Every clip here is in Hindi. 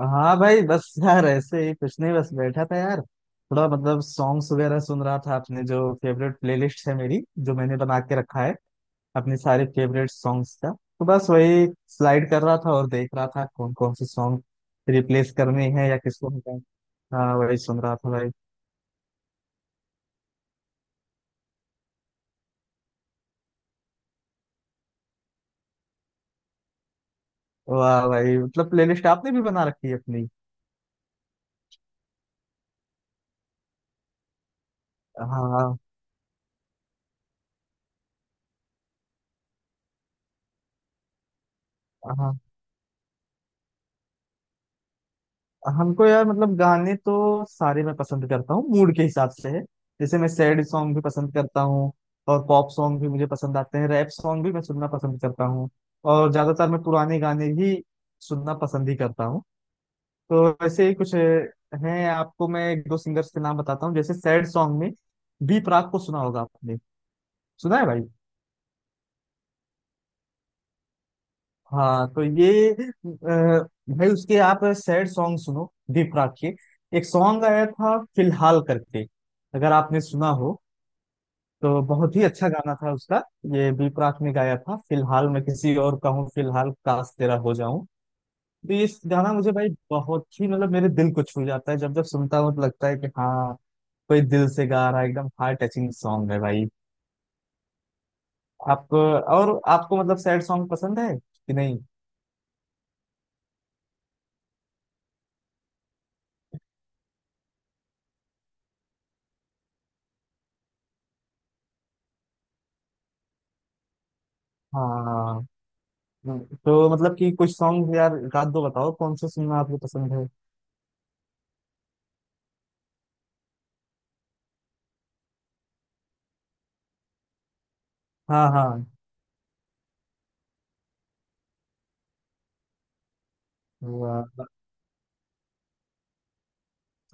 हाँ भाई बस यार ऐसे ही कुछ नहीं बस बैठा था यार थोड़ा मतलब सॉन्ग्स वगैरह सुन रहा था अपने जो फेवरेट प्लेलिस्ट है मेरी जो मैंने बना के रखा है अपने सारे फेवरेट सॉन्ग्स का। तो बस वही स्लाइड कर रहा था और देख रहा था कौन कौन से सॉन्ग रिप्लेस करने हैं या किसको हटाएं। हाँ वही सुन रहा था भाई। वाह भाई मतलब प्लेलिस्ट आपने भी बना रखी है अपनी। हाँ हाँ हमको यार मतलब गाने तो सारे मैं पसंद करता हूँ मूड के हिसाब से है। जैसे मैं सैड सॉन्ग भी पसंद करता हूँ और पॉप सॉन्ग भी मुझे पसंद आते हैं रैप सॉन्ग भी मैं सुनना पसंद करता हूँ। और ज्यादातर मैं पुराने गाने ही सुनना पसंद ही करता हूँ। तो वैसे ही कुछ हैं। आपको मैं एक दो सिंगर्स के नाम बताता हूँ जैसे सैड सॉन्ग में बी प्राक को सुना होगा आपने। सुना है भाई। हाँ तो ये भाई उसके आप सैड सॉन्ग सुनो दीपराग के। एक सॉन्ग आया था फिलहाल करके अगर आपने सुना हो तो बहुत ही अच्छा गाना था उसका। ये दीपराग ने गाया था फिलहाल मैं किसी और का हूँ फिलहाल काश तेरा हो जाऊं। तो ये गाना मुझे भाई बहुत ही मतलब मेरे दिल को छू जाता है जब जब सुनता हूँ तो लगता है कि हाँ कोई दिल से गा रहा है एकदम हार्ट टचिंग सॉन्ग है भाई। आप और आपको मतलब सैड सॉन्ग पसंद है कि नहीं? हाँ हाँ, तो मतलब कि कुछ सॉन्ग यार रात दो बताओ कौन से सुनना आपको पसंद है। हाँ हाँ। वाह।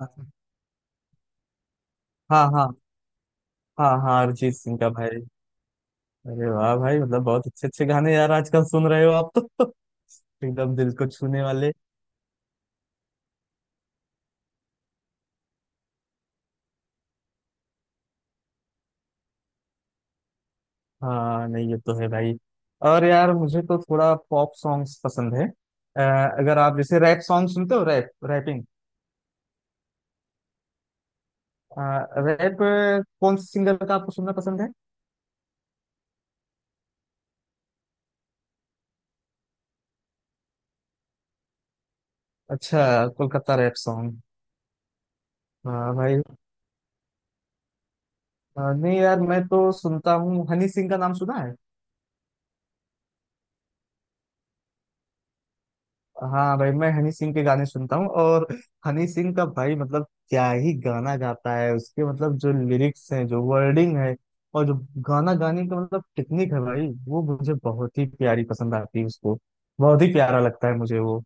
हाँ हाँ हाँ। हाँ अरिजीत सिंह का भाई। अरे वाह भाई मतलब बहुत अच्छे अच्छे गाने यार आजकल सुन रहे हो आप तो एकदम दिल को छूने वाले। हाँ नहीं ये तो है भाई। और यार मुझे तो थोड़ा पॉप सॉन्ग्स पसंद है। अगर आप जैसे रैप सॉन्ग सुनते हो रैप रैपिंग रैप कौन से सिंगर का आपको सुनना पसंद है? अच्छा कोलकाता रैप सॉन्ग। हाँ भाई। हाँ, नहीं यार मैं तो सुनता हूँ हनी सिंह का नाम सुना है। हाँ भाई मैं हनी सिंह के गाने सुनता हूँ। और हनी सिंह का भाई मतलब क्या ही गाना गाता है उसके मतलब जो लिरिक्स हैं जो वर्डिंग है और जो गाना गाने का मतलब टेक्निक है भाई वो मुझे बहुत ही प्यारी पसंद आती है उसको। बहुत ही प्यारा लगता है मुझे वो।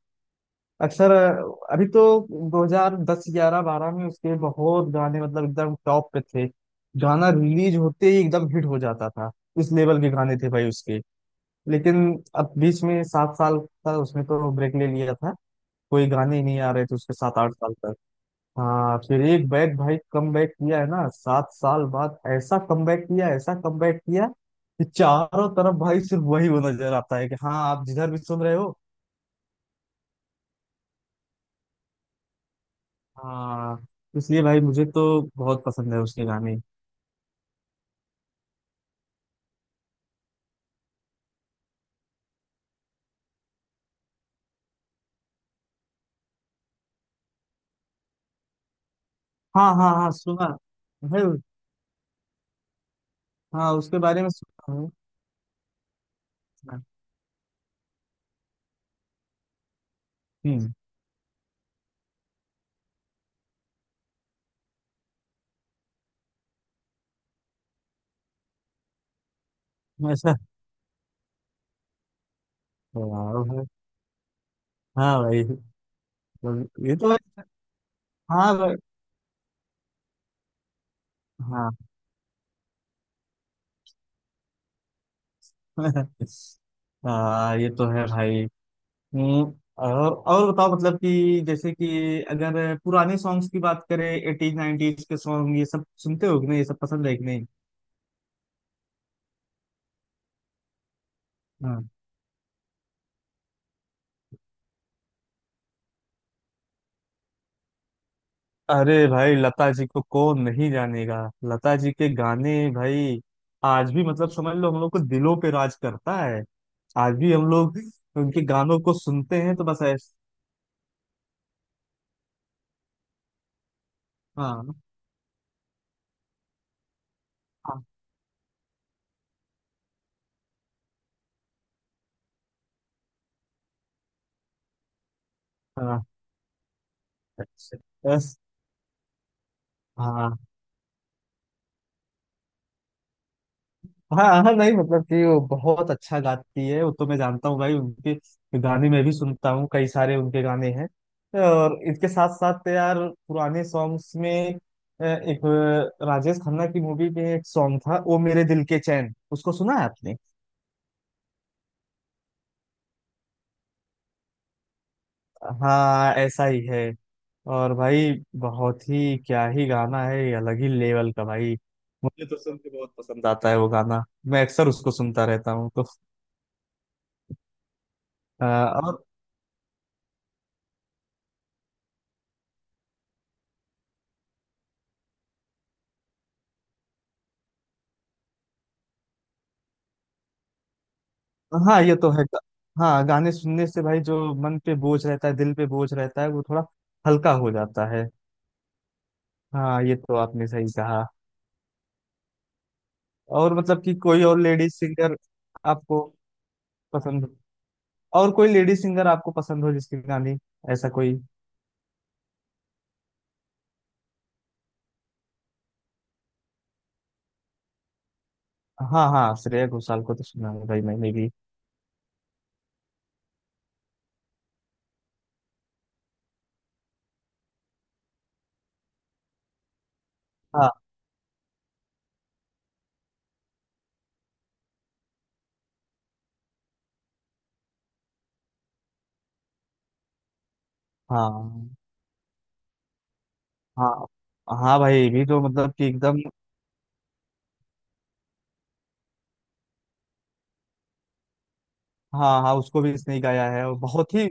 अक्सर अभी तो 2010 11 12 में उसके बहुत गाने मतलब एकदम टॉप पे थे। गाना रिलीज होते ही एकदम हिट हो जाता था। इस लेवल के गाने थे भाई उसके। लेकिन अब बीच में सात साल का उसने तो ब्रेक ले लिया था। कोई गाने ही नहीं आ रहे थे उसके सात आठ साल तक। हाँ फिर एक बैक भाई कम बैक किया है ना सात साल बाद ऐसा कम बैक किया, ऐसा कम बैक किया कि चारों तरफ भाई सिर्फ वही वो नजर आता है कि हाँ आप जिधर भी सुन रहे हो। हाँ इसलिए भाई मुझे तो बहुत पसंद है उसके गाने। हाँ हाँ हाँ सुना भाई। हाँ उसके बारे में सुना हूँ। हम्म। ऐसा। हाँ भाई। हाँ भाई। ये तो भाई, हाँ भाई। हाँ ये तो है भाई। हम्म, और बताओ मतलब कि जैसे कि अगर पुराने सॉन्ग्स की बात करें एटीज नाइनटीज के सॉन्ग ये सब सुनते हो कि नहीं, ये सब पसंद है कि नहीं? हाँ। अरे भाई लता जी को कौन नहीं जानेगा। लता जी के गाने भाई आज भी मतलब समझ लो हम लोग को दिलों पे राज करता है। आज भी हम लोग उनके गानों को सुनते हैं तो बस ऐसा। हाँ हाँ हाँ। बस, हाँ हाँ हाँ। हाँ, नहीं मतलब कि वो बहुत अच्छा गाती है वो तो मैं जानता हूँ भाई। उनके गाने मैं भी सुनता हूँ कई सारे उनके गाने हैं। और इसके साथ साथ यार पुराने सॉन्ग्स में एक राजेश खन्ना की मूवी में एक सॉन्ग था ओ मेरे दिल के चैन, उसको सुना है आपने? हाँ ऐसा ही है। और भाई बहुत ही क्या ही गाना है ये अलग ही लेवल का भाई। मुझे तो सुन के बहुत पसंद आता है वो गाना। मैं अक्सर उसको सुनता रहता हूँ तो और हाँ ये तो है हाँ गाने सुनने से भाई जो मन पे बोझ रहता है दिल पे बोझ रहता है वो थोड़ा हल्का हो जाता है। हाँ ये तो आपने सही कहा। और मतलब कि कोई और लेडीज सिंगर आपको पसंद हो, और कोई लेडीज सिंगर आपको पसंद हो जिसकी गाने ऐसा कोई। हाँ हाँ श्रेया घोषाल को तो सुना है भाई मैंने भी। हाँ हाँ हाँ। हाँ भाई ये भी तो मतलब कि एकदम। हाँ हाँ उसको भी इसने ही गाया है और बहुत ही।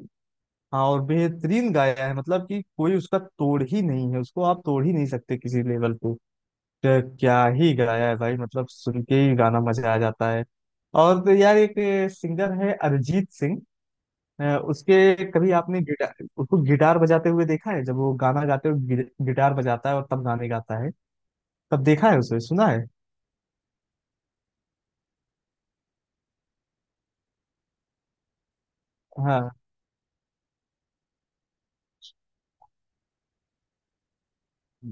हाँ और बेहतरीन गाया है मतलब कि कोई उसका तोड़ ही नहीं है उसको आप तोड़ ही नहीं सकते किसी लेवल पे। क्या क्या ही गाया है भाई मतलब सुन के ही गाना मजा आ जाता है। और तो यार एक सिंगर है अरिजीत सिंह। अ, उसके कभी आपने गिटार उसको गिटार बजाते हुए देखा है जब वो गाना गाते हुए गिटार बजाता है और तब गाने गाता है? तब देखा है उसे सुना है। हाँ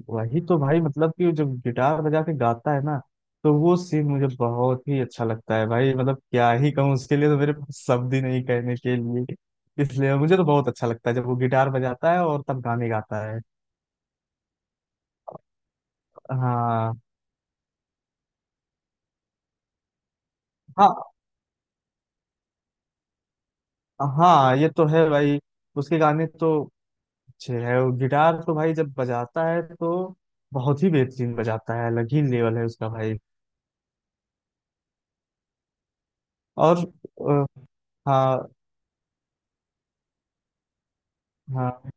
वही तो भाई मतलब कि वो जब गिटार बजा के गाता है ना तो वो सीन मुझे बहुत ही अच्छा लगता है भाई मतलब क्या ही कहूँ उसके लिए तो मेरे पास शब्द ही नहीं कहने के लिए। इसलिए मुझे तो बहुत अच्छा लगता है जब वो गिटार बजाता है और तब गाने गाता है। हाँ हाँ हाँ ये तो है भाई। उसके गाने तो अच्छे है और गिटार तो भाई जब बजाता है तो बहुत ही बेहतरीन बजाता है अलग ही लेवल है उसका भाई। और अ, हाँ हाँ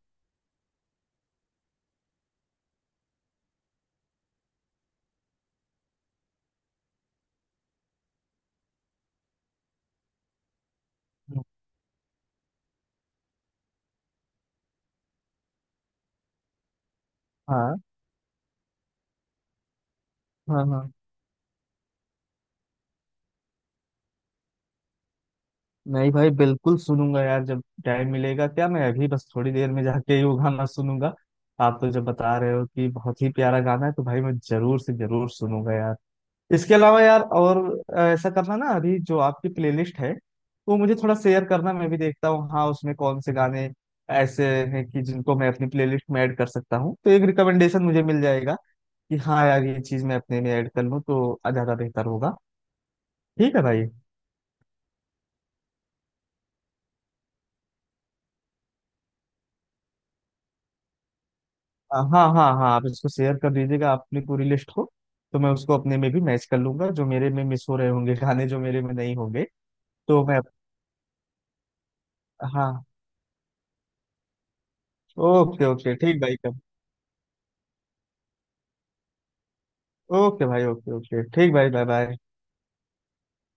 हाँ हाँ। हाँ नहीं भाई बिल्कुल सुनूंगा यार जब टाइम मिलेगा क्या मैं अभी बस थोड़ी देर में जाके ही वो गाना सुनूंगा। आप तो जब बता रहे हो कि बहुत ही प्यारा गाना है तो भाई मैं जरूर से जरूर सुनूंगा यार। इसके अलावा यार और ऐसा करना ना अभी जो आपकी प्लेलिस्ट है वो मुझे थोड़ा शेयर करना मैं भी देखता हूँ हाँ उसमें कौन से गाने ऐसे हैं कि जिनको मैं अपनी प्लेलिस्ट में ऐड कर सकता हूँ तो एक रिकमेंडेशन मुझे मिल जाएगा कि हाँ यार ये चीज मैं अपने में ऐड कर लूँ तो ज्यादा बेहतर होगा। ठीक है भाई। हाँ हाँ हाँ आप इसको शेयर कर दीजिएगा अपनी पूरी लिस्ट को तो मैं उसको अपने में भी मैच कर लूंगा जो मेरे में मिस हो रहे होंगे गाने जो मेरे में नहीं होंगे तो मैं। हाँ ओके ओके ठीक भाई कब। ओके भाई ओके ओके ठीक भाई बाय बाय।